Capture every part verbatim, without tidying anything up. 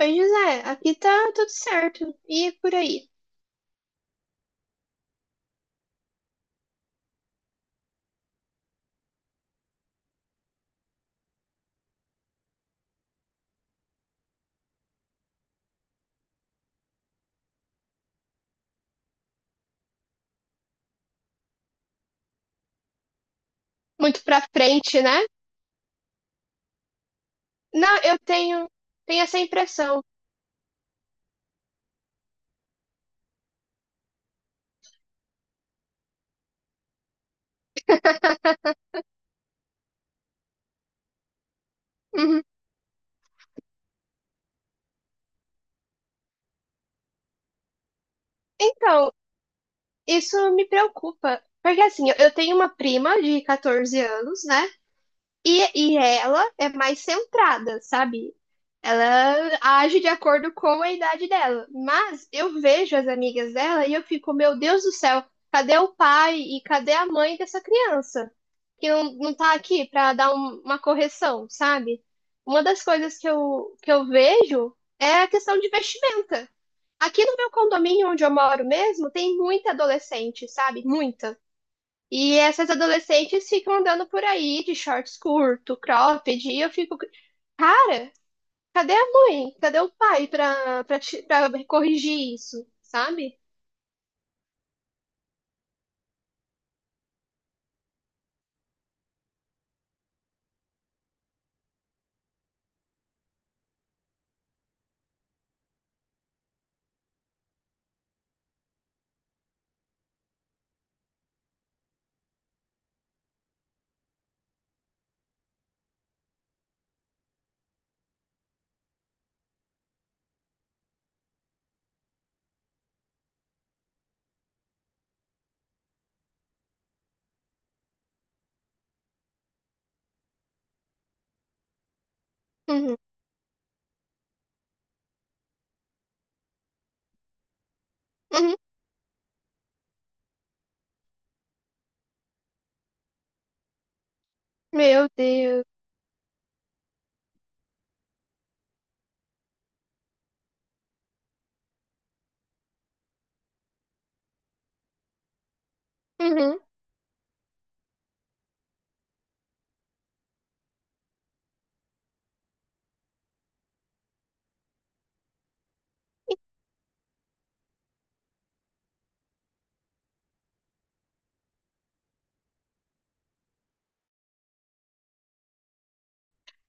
Oi, José, aqui tá tudo certo. E por aí? Muito pra frente, né? Não, eu tenho, tenho essa impressão. Uhum. Então, isso me preocupa. Porque assim, eu eu tenho uma prima de quatorze anos, né? E, e ela é mais centrada, sabe? Ela age de acordo com a idade dela. Mas eu vejo as amigas dela e eu fico, meu Deus do céu, cadê o pai e cadê a mãe dessa criança? Que não, não tá aqui para dar um- uma correção, sabe? Uma das coisas que eu, que eu vejo é a questão de vestimenta. Aqui no meu condomínio onde eu moro mesmo, tem muita adolescente, sabe? Muita. E essas adolescentes ficam andando por aí de shorts curto, cropped, e eu fico, cara, cadê a mãe? Cadê o pai pra, pra, te- pra corrigir isso, sabe? Uhum, uhum. Meu Deus. Uhum.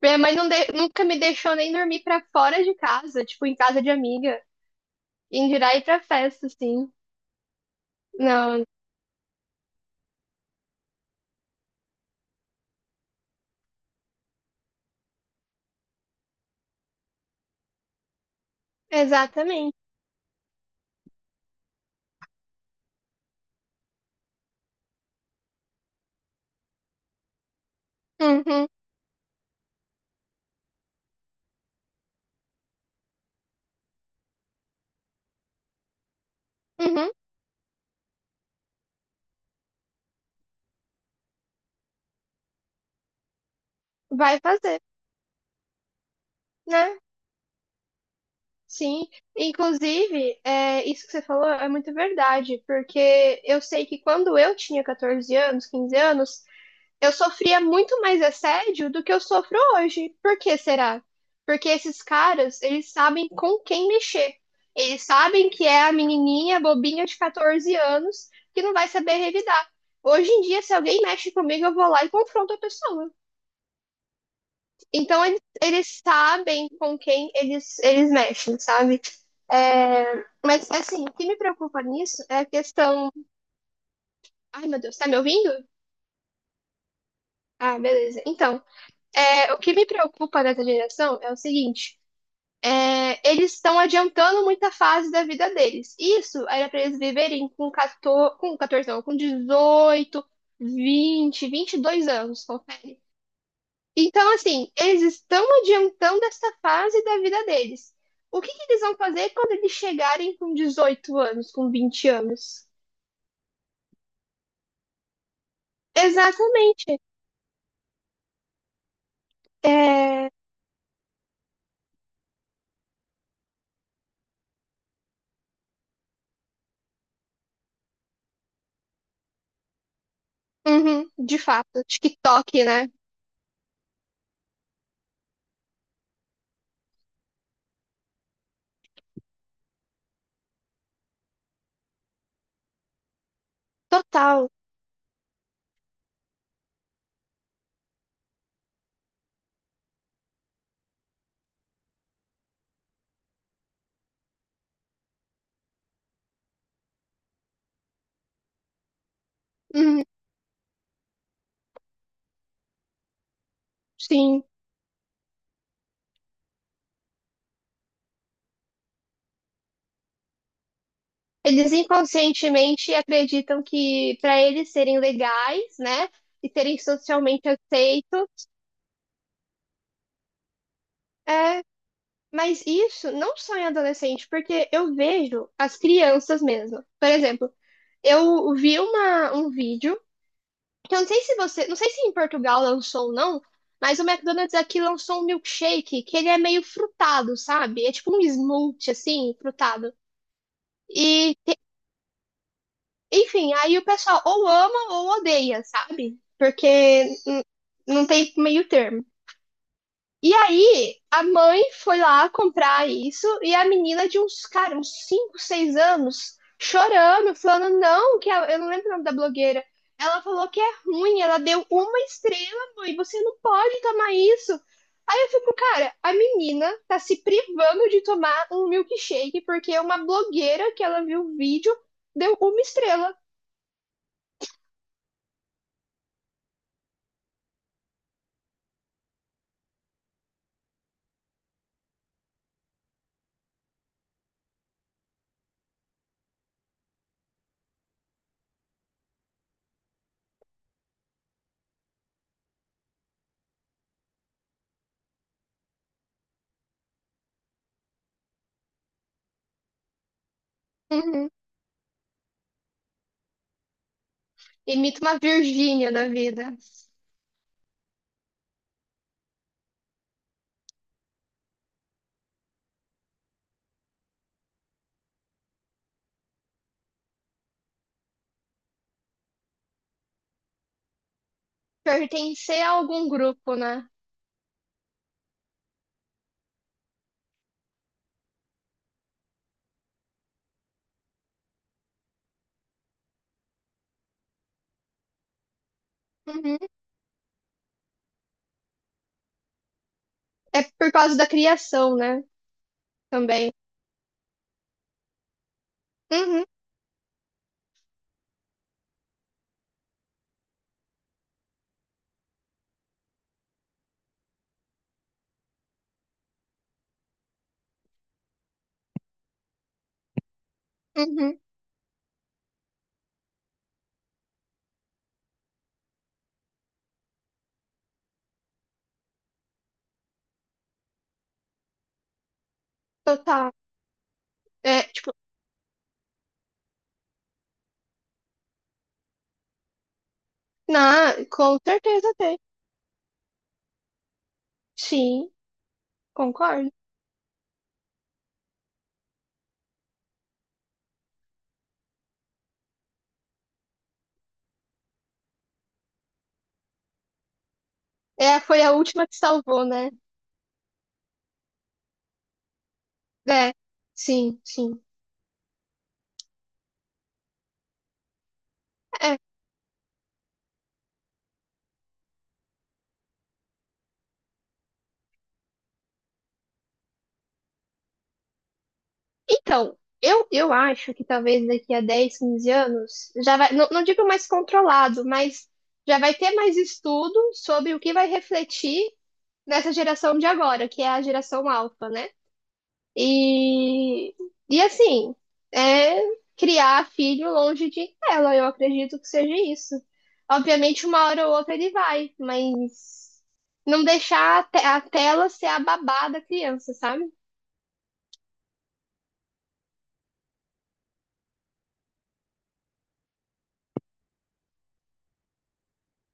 Minha mãe não de- nunca me deixou nem dormir pra fora de casa, tipo, em casa de amiga. Em dirá ir pra festa, assim. Não, exatamente. Uhum, uhum. Vai fazer, né? Sim. Inclusive, é, isso que você falou é muito verdade, porque eu sei que quando eu tinha quatorze anos, quinze anos, eu sofria muito mais assédio do que eu sofro hoje. Por que será? Porque esses caras, eles sabem com quem mexer. Eles sabem que é a menininha bobinha de quatorze anos que não vai saber revidar. Hoje em dia, se alguém mexe comigo, eu vou lá e confronto a pessoa. Então, eles, eles sabem com quem eles, eles mexem, sabe? É, mas, assim, o que me preocupa nisso é a questão. Ai, meu Deus, tá me ouvindo? Ah, beleza. Então, é, o que me preocupa nessa geração é o seguinte: é, eles estão adiantando muita fase da vida deles. Isso era para eles viverem com quatorze, com quatorze não, com dezoito, vinte, vinte e dois anos, confere. Então, assim, eles estão adiantando essa fase da vida deles. O que, que eles vão fazer quando eles chegarem com dezoito anos, com vinte anos? Exatamente. É, uhum, de fato. TikTok, né? Total. Uhum, sim. Eles inconscientemente acreditam que para eles serem legais, né, e serem socialmente aceitos, é, mas isso não só em adolescente, porque eu vejo as crianças mesmo. Por exemplo, eu vi uma, um vídeo, que eu não sei se você, não sei se em Portugal lançou ou não, mas o McDonald's aqui lançou um milkshake que ele é meio frutado, sabe? É tipo um smoothie assim, frutado. E Enfim, aí o pessoal ou ama ou odeia, sabe? Porque hum, não tem meio termo. E aí, a mãe foi lá comprar isso e a menina de uns, cara, uns cinco seis anos, chorando, falando, não, que ela- eu não lembro o nome da blogueira. Ela falou que é ruim, ela deu uma estrela, mãe, você não pode tomar isso. Aí eu fico, cara, a menina tá se privando de tomar um milkshake porque uma blogueira que ela viu o vídeo deu uma estrela. Uhum. Imita uma Virgínia da vida. Pertencer a algum grupo, né? Uhum. É por causa da criação, né? Também. Uhum, uhum, total. É, tipo, na, com certeza tem. Sim, concordo. É, foi a última que salvou, né? É, sim, sim. É, então, eu, eu acho que talvez daqui a dez, quinze anos, já vai, não, não digo mais controlado, mas já vai ter mais estudo sobre o que vai refletir nessa geração de agora, que é a geração alfa, né? E, e assim, é criar filho longe de tela, eu acredito que seja isso. Obviamente, uma hora ou outra ele vai, mas não deixar a te- a tela ser a babá da criança, sabe?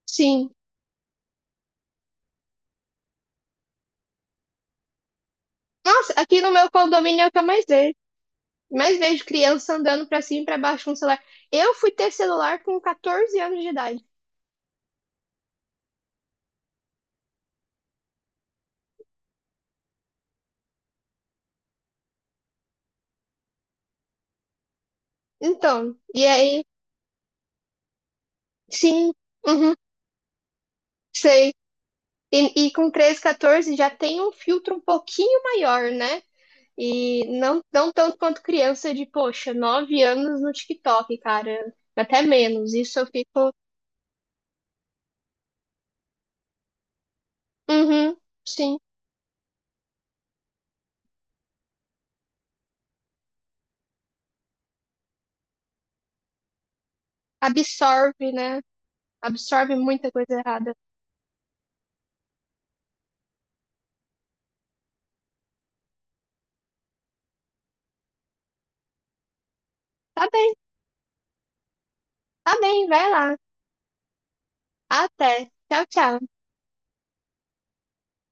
Sim. Nossa, aqui no meu condomínio é o que eu mais vejo. Mais vejo criança andando pra cima e pra baixo com celular. Eu fui ter celular com quatorze anos de idade. Então, e aí, sim, uhum, sei. E, e com treze, quatorze já tem um filtro um pouquinho maior, né? E não, não tanto quanto criança de, poxa, nove anos no TikTok, cara. Até menos. Isso eu fico, uhum, sim. Absorve, né? Absorve muita coisa errada. Tá bem, tá bem, vai lá. Até. Tchau, tchau.